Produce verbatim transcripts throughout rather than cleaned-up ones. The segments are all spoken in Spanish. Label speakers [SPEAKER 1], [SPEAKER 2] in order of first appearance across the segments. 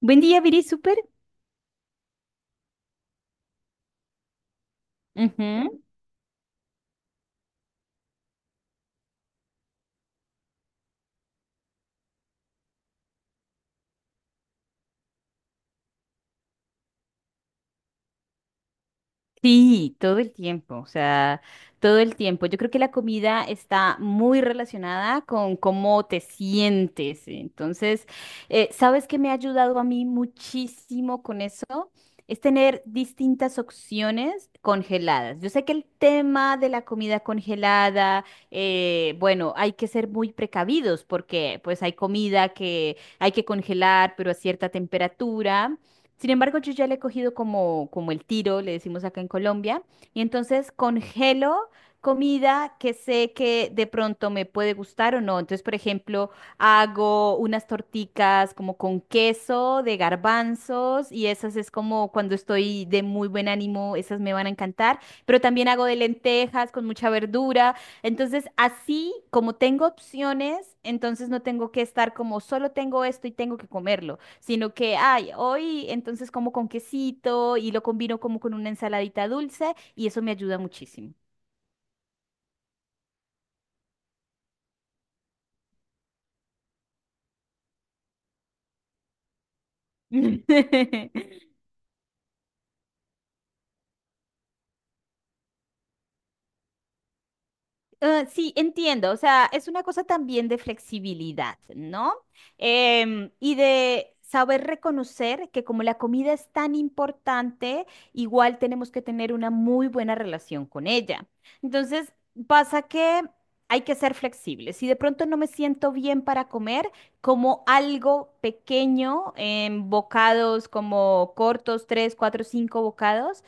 [SPEAKER 1] Buen día, Viri, súper. Ujú. Sí, todo el tiempo, o sea, todo el tiempo. Yo creo que la comida está muy relacionada con cómo te sientes. Entonces, eh, ¿sabes qué me ha ayudado a mí muchísimo con eso? Es tener distintas opciones congeladas. Yo sé que el tema de la comida congelada, eh, bueno, hay que ser muy precavidos porque pues hay comida que hay que congelar, pero a cierta temperatura. Sin embargo, yo ya le he cogido como, como el tiro, le decimos acá en Colombia, y entonces congelo comida que sé que de pronto me puede gustar o no. Entonces, por ejemplo, hago unas torticas como con queso de garbanzos y esas es como cuando estoy de muy buen ánimo, esas me van a encantar, pero también hago de lentejas con mucha verdura. Entonces, así como tengo opciones, entonces no tengo que estar como solo tengo esto y tengo que comerlo sino que, ay, hoy entonces como con quesito y lo combino como con una ensaladita dulce y eso me ayuda muchísimo. Ah, sí, entiendo. O sea, es una cosa también de flexibilidad, ¿no? Em, y de saber reconocer que como la comida es tan importante, igual tenemos que tener una muy buena relación con ella. Entonces, pasa que hay que ser flexibles. Si de pronto no me siento bien para comer, como algo pequeño en bocados, como cortos, tres, cuatro, cinco bocados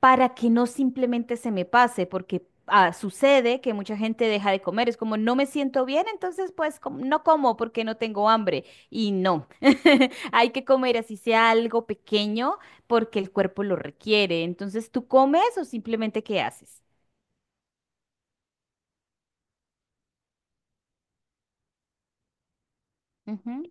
[SPEAKER 1] para que no simplemente se me pase, porque ah, sucede que mucha gente deja de comer, es como no me siento bien, entonces pues com- no como porque no tengo hambre y no, hay que comer así sea algo pequeño porque el cuerpo lo requiere, entonces tú comes o simplemente qué haces. Ujú,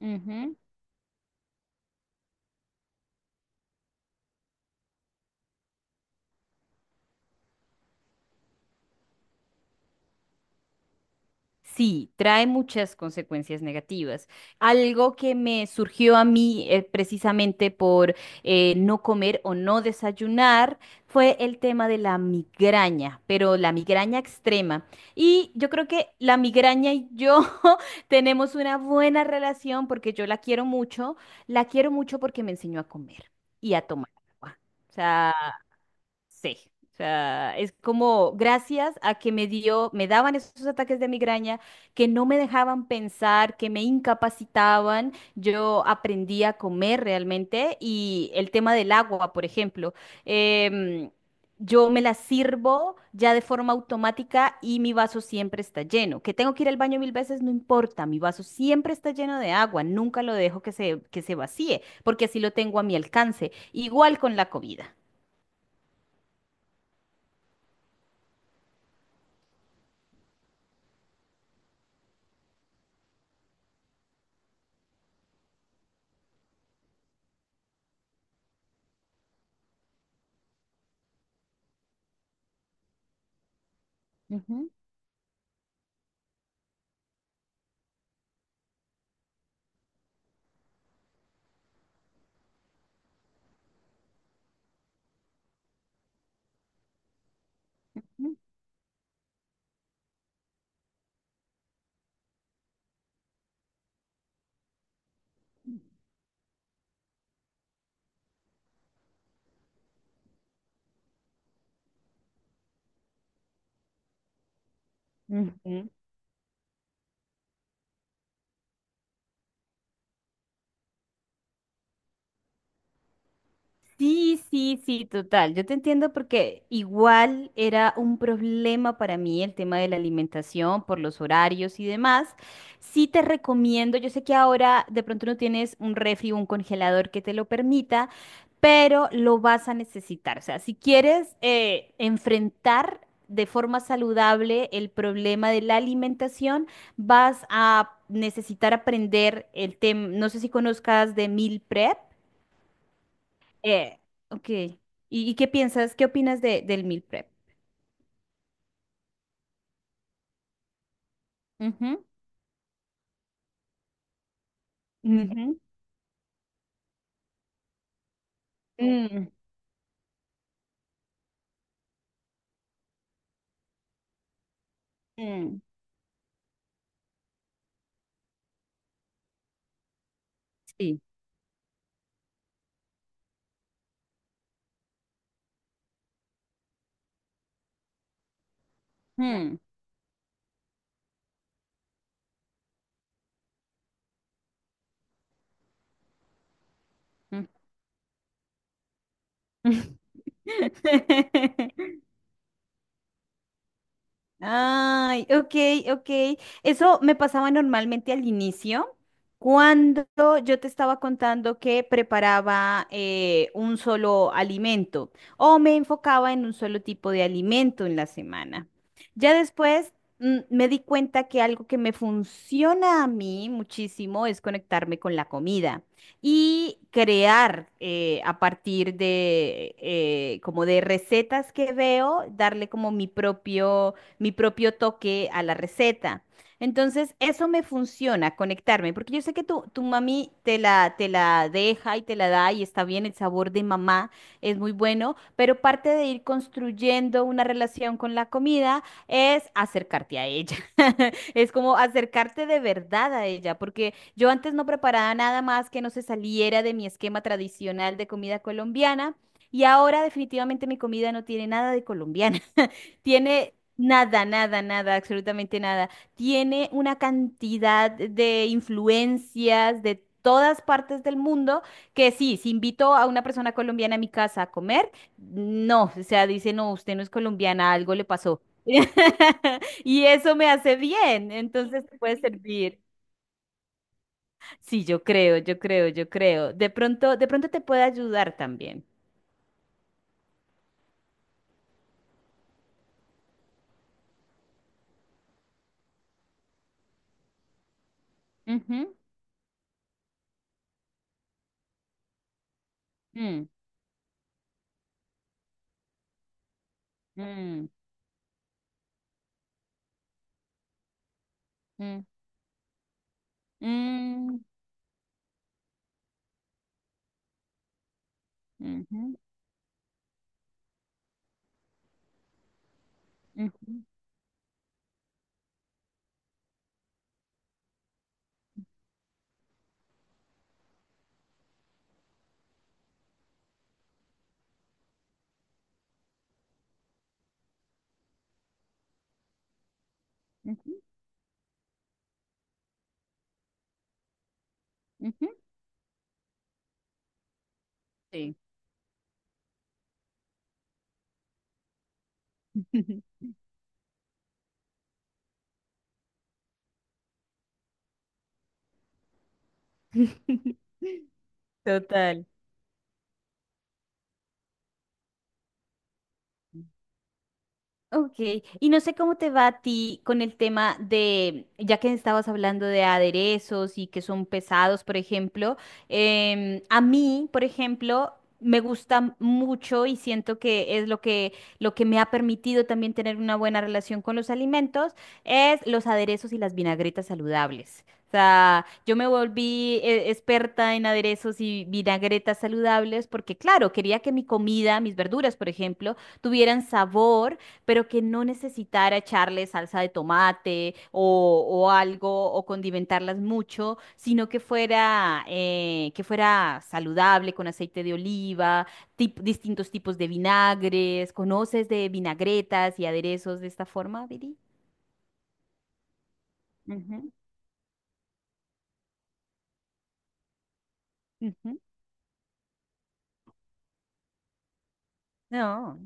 [SPEAKER 1] ujú. Sí, trae muchas consecuencias negativas. Algo que me surgió a mí eh, precisamente por eh, no comer o no desayunar fue el tema de la migraña, pero la migraña extrema. Y yo creo que la migraña y yo tenemos una buena relación porque yo la quiero mucho, la quiero mucho porque me enseñó a comer y a tomar agua. O sea, sí, o sea, es como gracias a que me dio, me daban esos ataques de migraña que no me dejaban pensar, que me incapacitaban. Yo aprendí a comer realmente y el tema del agua, por ejemplo, em, yo me la sirvo ya de forma automática y mi vaso siempre está lleno. Que tengo que ir al baño mil veces, no importa, mi vaso siempre está lleno de agua, nunca lo dejo que se, que se vacíe, porque así lo tengo a mi alcance. Igual con la comida. Ujú. Ujú. Sí, sí, sí, total. Yo te entiendo porque igual era un problema para mí el tema de la alimentación por los horarios y demás. Sí te recomiendo, yo sé que ahora de pronto no tienes un refri o un congelador que te lo permita, pero lo vas a necesitar. O sea, si quieres eh, enfrentar de forma saludable el problema de la alimentación, vas a necesitar aprender el tema, no sé si conozcas de meal prep. Eh, ok. ¿Y, y qué piensas, qué opinas de, del meal prep? Ujú, ujú, mm, mm, sí. Mm, mm. Ay, ok, ok. Eso me pasaba normalmente al inicio, cuando yo te estaba contando que preparaba eh, un solo alimento o me enfocaba en un solo tipo de alimento en la semana. Ya después, mm, me di cuenta que algo que me funciona a mí muchísimo es conectarme con la comida y crear eh, a partir de eh, como de recetas que veo, darle como mi propio mi propio toque a la receta. Entonces, eso me funciona, conectarme, porque yo sé que tu, tu mami te la, te la deja y te la da y está bien, el sabor de mamá es muy bueno, pero parte de ir construyendo una relación con la comida es acercarte a ella. Es como acercarte de verdad a ella, porque yo antes no preparaba nada más que no se saliera de mi esquema tradicional de comida colombiana. Y ahora definitivamente mi comida no tiene nada de colombiana. Tiene nada, nada, nada, absolutamente nada. Tiene una cantidad de influencias de todas partes del mundo que sí, si invito a una persona colombiana a mi casa a comer, no, o sea, dice, no, usted no es colombiana, algo le pasó. Y eso me hace bien, entonces te puede servir. Sí, yo creo, yo creo, yo creo. De pronto, de pronto te puede ayudar también. Ujú, mm, mm, mm, mm, ujú, ujú, ujú, ujú. Sí. Total. Ok, y no sé cómo te va a ti con el tema de, ya que estabas hablando de aderezos y que son pesados, por ejemplo, em, a mí, por ejemplo, me gusta mucho y siento que es lo que, lo que me ha permitido también tener una buena relación con los alimentos, es los aderezos y las vinagretas saludables. O sea, yo me volví eh, experta en aderezos y vinagretas saludables porque, claro, quería que mi comida, mis verduras, por ejemplo, tuvieran sabor pero que no necesitara echarle salsa de tomate o, o algo o condimentarlas mucho, sino que fuera, eh, que fuera saludable con aceite de oliva, tip- distintos tipos de vinagres. ¿Conoces de vinagretas y aderezos de esta forma, Viri? Ujú, ujú. No.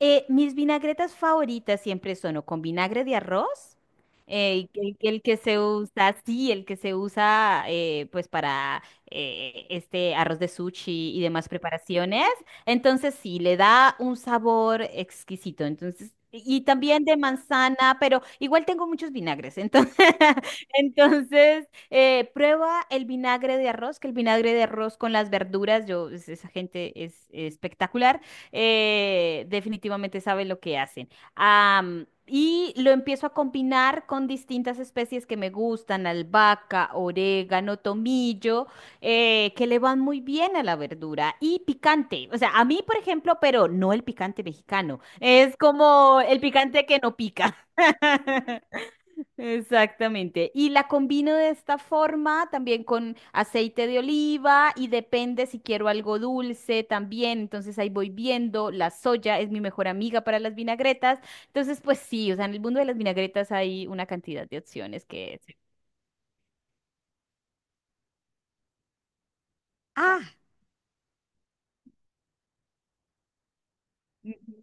[SPEAKER 1] Eh, mis vinagretas favoritas siempre son o con vinagre de arroz, eh, el, el que se usa, sí, el que se usa eh, pues para eh, este arroz de sushi y demás preparaciones. Entonces sí, le da un sabor exquisito. Entonces, y y también de manzana, pero igual tengo muchos vinagres. Entonces, entonces eh, prueba el vinagre de arroz, que el vinagre de arroz con las verduras, yo, es- esa gente es espectacular eh, definitivamente sabe lo que hacen. Am, y lo empiezo a combinar con distintas especies que me gustan, albahaca, orégano, tomillo, eh, que le van muy bien a la verdura y picante. O sea, a mí, por ejemplo, pero no el picante mexicano, es como el picante que no pica. Exactamente. Y la combino de esta forma también con aceite de oliva y depende si quiero algo dulce también. Entonces ahí voy viendo. La soya es mi mejor amiga para las vinagretas. Entonces, pues sí, o sea, en el mundo de las vinagretas hay una cantidad de opciones que... se- Ah, ujú.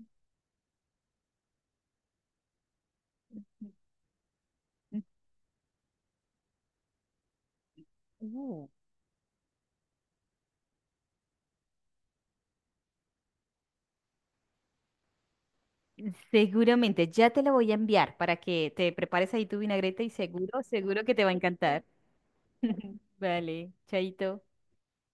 [SPEAKER 1] uh, Seguramente, ya te la voy a enviar para que te prepares ahí tu vinagreta y seguro, seguro que te va a encantar. Vale, chaito.